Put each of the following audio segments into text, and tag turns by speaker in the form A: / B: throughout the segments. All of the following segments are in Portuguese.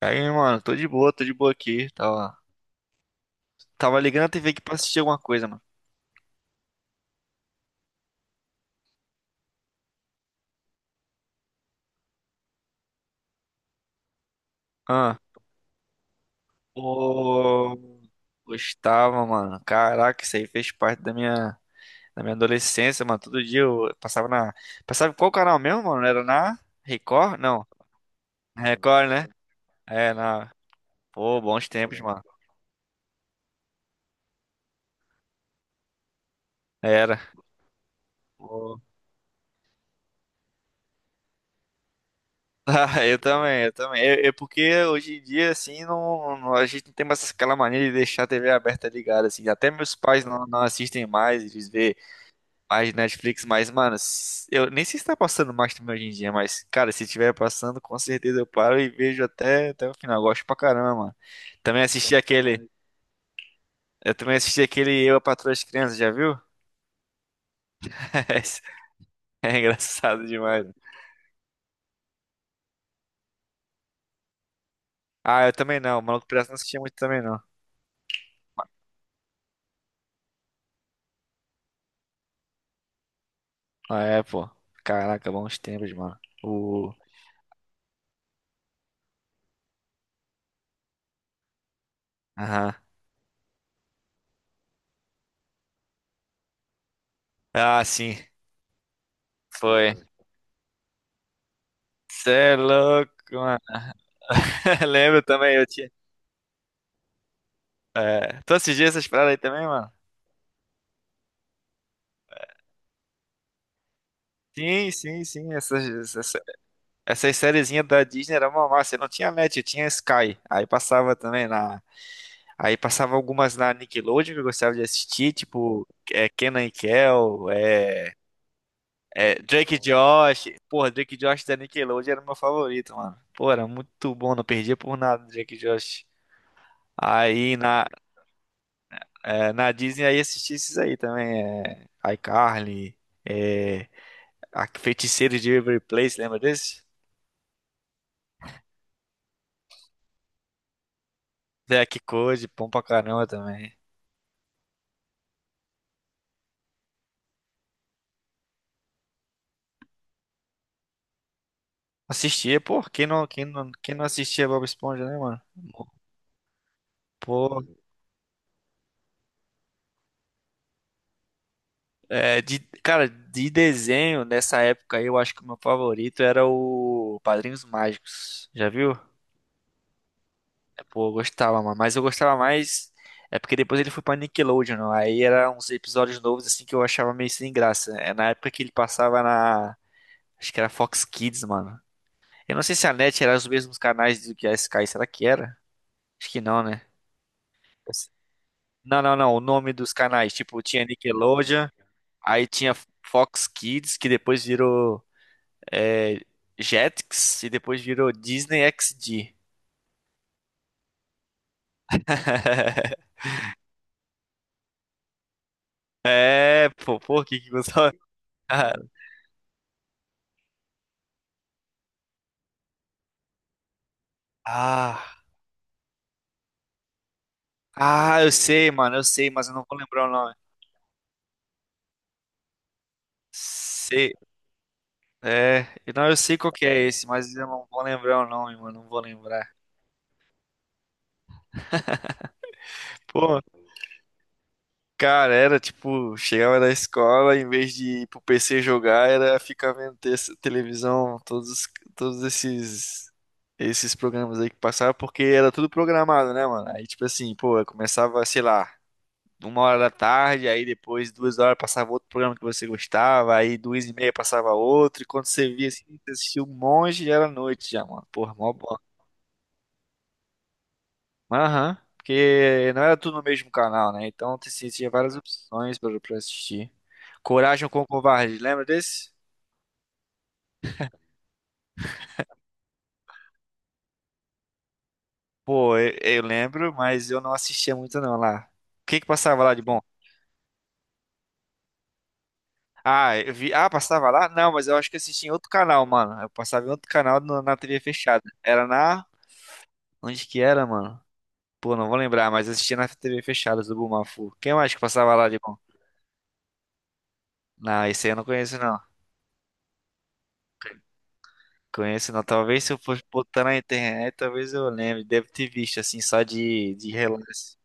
A: Aí, mano, tô de boa aqui. Tava ligando a TV aqui pra assistir alguma coisa, mano. Ah, ô, gostava, mano. Caraca, isso aí fez parte da minha adolescência, mano. Todo dia eu passava na. Passava em qual canal mesmo, mano? Era na Record? Não, na Record, né? É, na. Pô, bons tempos, mano. Era. Pô. Ah, eu também, eu também. É porque hoje em dia, assim, a gente não tem mais aquela mania de deixar a TV aberta ligada, assim. Até meus pais não assistem mais, eles vê mais de Netflix, mas, mano, eu nem sei se tá passando Mastermind hoje em dia, mas, cara, se tiver passando, com certeza eu paro e vejo até o final. Gosto pra caramba, mano. Também assisti aquele. Eu também assisti aquele Eu, a Patroa das Crianças, já viu? Esse é engraçado demais. Ah, eu também não. O Maluco Pirata não assistia muito também, não. Ah, é, pô. Caraca, bons tempos, mano. O. Aham. Ah, sim. Foi. Cê é louco, mano. Lembro também, eu tinha. É. Tu assistia essas paradas aí também, mano? Sim, sim, sim. Essas sériezinhas da Disney era uma massa. Não tinha Match, tinha Sky. Aí passava também na. Aí passava algumas na Nickelodeon que eu gostava de assistir, tipo Kenan e Kel, Drake e Josh. Porra, Drake e Josh da Nickelodeon era o meu favorito, mano. Pô, era muito bom, não perdia por nada Drake e Josh. Aí na, na Disney aí assisti esses aí também. É, iCarly, é, a Feiticeiro de Waverly Place, lembra desse? Zack Code, bom pra caramba também. Assistia, pô, quem não assistia Bob Esponja, né, mano? Pô, é, de, cara, de desenho, nessa época aí, eu acho que o meu favorito era o Padrinhos Mágicos. Já viu? É, pô, eu gostava, mano. Mas eu gostava mais. É porque depois ele foi pra Nickelodeon, né? Aí eram uns episódios novos, assim, que eu achava meio sem graça. É na época que ele passava na. Acho que era Fox Kids, mano. Eu não sei se a NET era os mesmos canais do que a Sky, será que era? Acho que não, né? Não, não, não. O nome dos canais, tipo, tinha Nickelodeon, aí tinha Fox Kids, que depois virou é, Jetix, e depois virou Disney XD. É, pô, por que que você... Ah, ah, eu sei, mano, eu sei, mas eu não vou lembrar o nome. Sei, é, não, eu sei qual que é esse, mas eu não vou lembrar o nome, mano, não vou lembrar. Pô, cara, era tipo, chegava da escola, em vez de ir pro PC jogar, era ficar vendo televisão, todos esses programas aí que passavam, porque era tudo programado, né, mano? Aí, tipo assim, pô, eu começava, sei lá, uma hora da tarde, aí depois duas horas passava outro programa que você gostava, aí duas e meia passava outro, e quando você via assim, você assistia um monte, já era noite já, mano. Porra, mó bom. Aham. Porque não era tudo no mesmo canal, né? Então você tinha várias opções pra assistir. Coragem com Covarde, lembra desse? Pô, eu lembro, mas eu não assistia muito não lá. O que que passava lá de bom? Ah, eu vi. Ah, passava lá? Não, mas eu acho que assistia em outro canal, mano. Eu passava em outro canal na TV fechada. Era na. Onde que era, mano? Pô, não vou lembrar, mas eu assistia na TV fechada do Bumafu. Quem mais que passava lá de bom? Não, esse aí eu não conheço, não. Conheço não. Talvez se eu fosse botar na internet, talvez eu lembre. Deve ter visto assim, só de relance.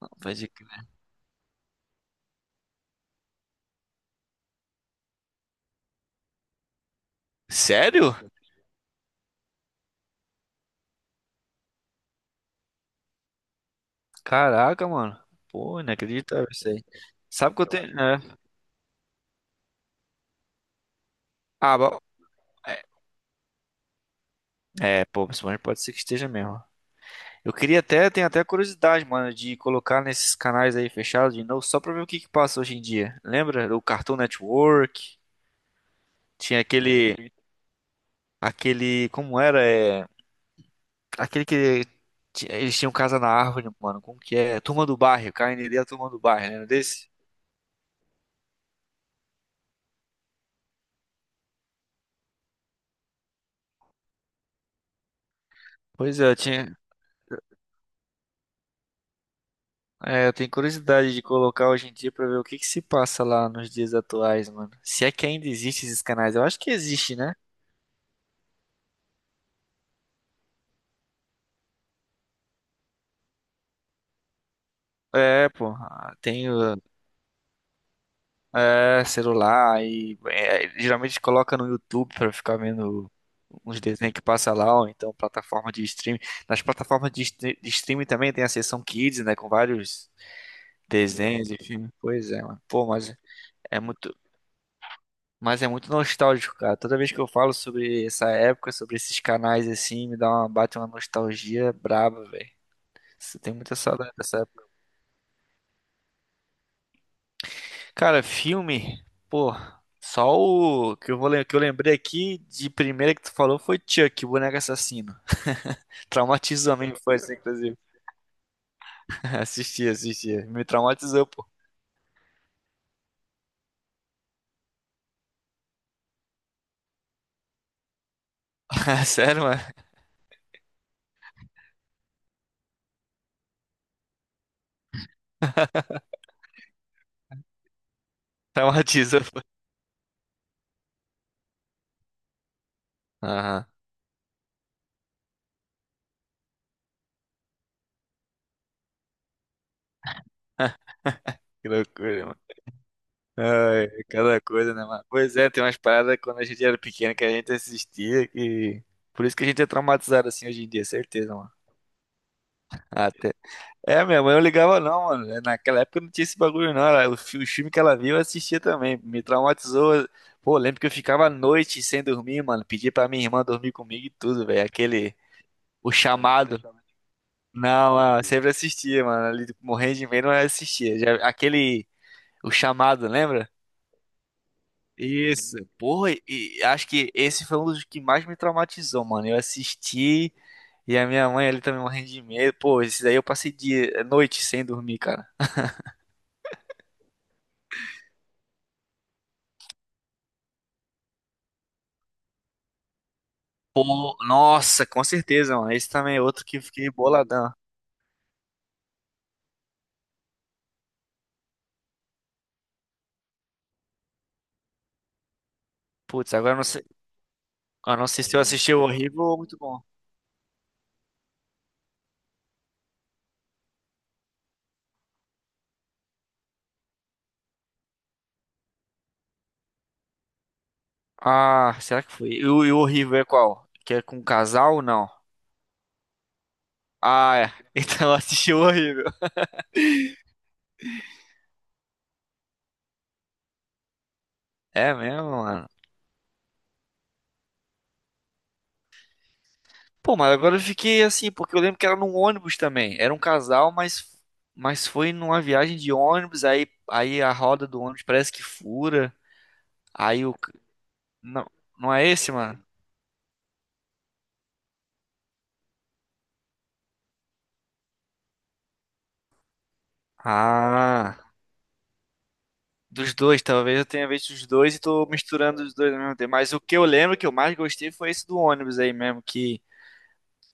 A: Não, pode crer. Sério? Caraca, mano. Pô, inacreditável isso aí. Sabe que eu tenho. É. Ah, bom. É, pô, principalmente pode ser que esteja mesmo. Eu queria até, tenho até curiosidade, mano, de colocar nesses canais aí fechados de novo, só pra ver o que que passa hoje em dia. Lembra? O Cartoon Network, tinha aquele, aquele, como era? É, aquele que eles tinham casa na árvore, mano. Como que é? Turma do Bairro, KND, a Turma do Bairro, lembra desse? Pois é, eu tinha, é, eu tenho curiosidade de colocar hoje em dia pra ver o que que se passa lá nos dias atuais, mano. Se é que ainda existem esses canais, eu acho que existe, né? É, pô, ah, tem o é, celular e é, geralmente coloca no YouTube pra ficar vendo uns desenhos que passa lá, ou então plataforma de streaming. Nas plataformas de streaming também tem a seção Kids, né, com vários desenhos, e filmes. Pois é, mano. Pô, é muito, mas é muito nostálgico, cara. Toda vez que eu falo sobre essa época, sobre esses canais assim, me dá uma bate uma nostalgia braba, velho. Você tem muita saudade dessa época. Cara, filme, pô, só o que eu que eu lembrei aqui de primeira que tu falou foi Chuck, o boneco assassino. Traumatizou a minha infância, inclusive. Assistia, assistia. Me traumatizou, pô. Sério, mano? Traumatizou, pô. Aham. Que loucura. Ai, cada coisa, né, mano? Pois é, tem umas paradas quando a gente era pequeno que a gente assistia que. Por isso que a gente é traumatizado assim hoje em dia, certeza, mano. Até... É, minha mãe não ligava não, mano. É, naquela época não tinha esse bagulho não. Ela... O o filme que ela viu eu assistia também. Me traumatizou. Pô, lembro que eu ficava à noite sem dormir, mano. Pedia pra minha irmã dormir comigo e tudo, velho. Aquele... O chamado. Não, mano, sempre assistia, mano. Ali morrendo de medo, mas assistia. Já... Aquele... O chamado, lembra? Isso. Porra, e acho que esse foi um dos que mais me traumatizou, mano. Eu assisti e a minha mãe ali também morrendo de medo. Pô, esse daí eu passei dia, noite sem dormir, cara. Pô, nossa, com certeza, mano. Esse também é outro que eu fiquei boladão. Putz, agora eu não sei se eu assisti o horrível ou muito bom. Ah, será que foi? E o horrível é qual? Que é com casal ou não? Ah, é. Então eu assisti o horrível. É mesmo, mano. Pô, mas agora eu fiquei assim, porque eu lembro que era num ônibus também. Era um casal, mas foi numa viagem de ônibus, aí, aí a roda do ônibus parece que fura. Aí o. Não, não é esse, mano? Ah, dos dois, talvez eu tenha visto os dois e tô misturando os dois ao mesmo tempo. Mas o que eu lembro que eu mais gostei foi esse do ônibus aí mesmo,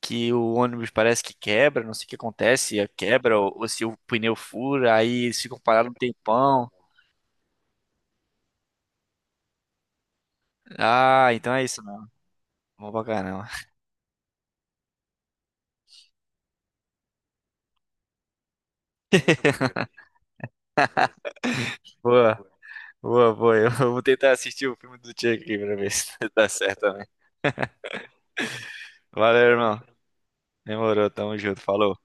A: que o ônibus parece que quebra, não sei o que acontece, é quebra, ou se o pneu fura, aí eles ficam parados um tempão. Ah, então é isso, mano. Bom pra caramba. Pô. Boa, boa. Eu vou tentar assistir o filme do Chuck aqui pra ver se dá certo também. Valeu, irmão. Demorou, tamo junto. Falou.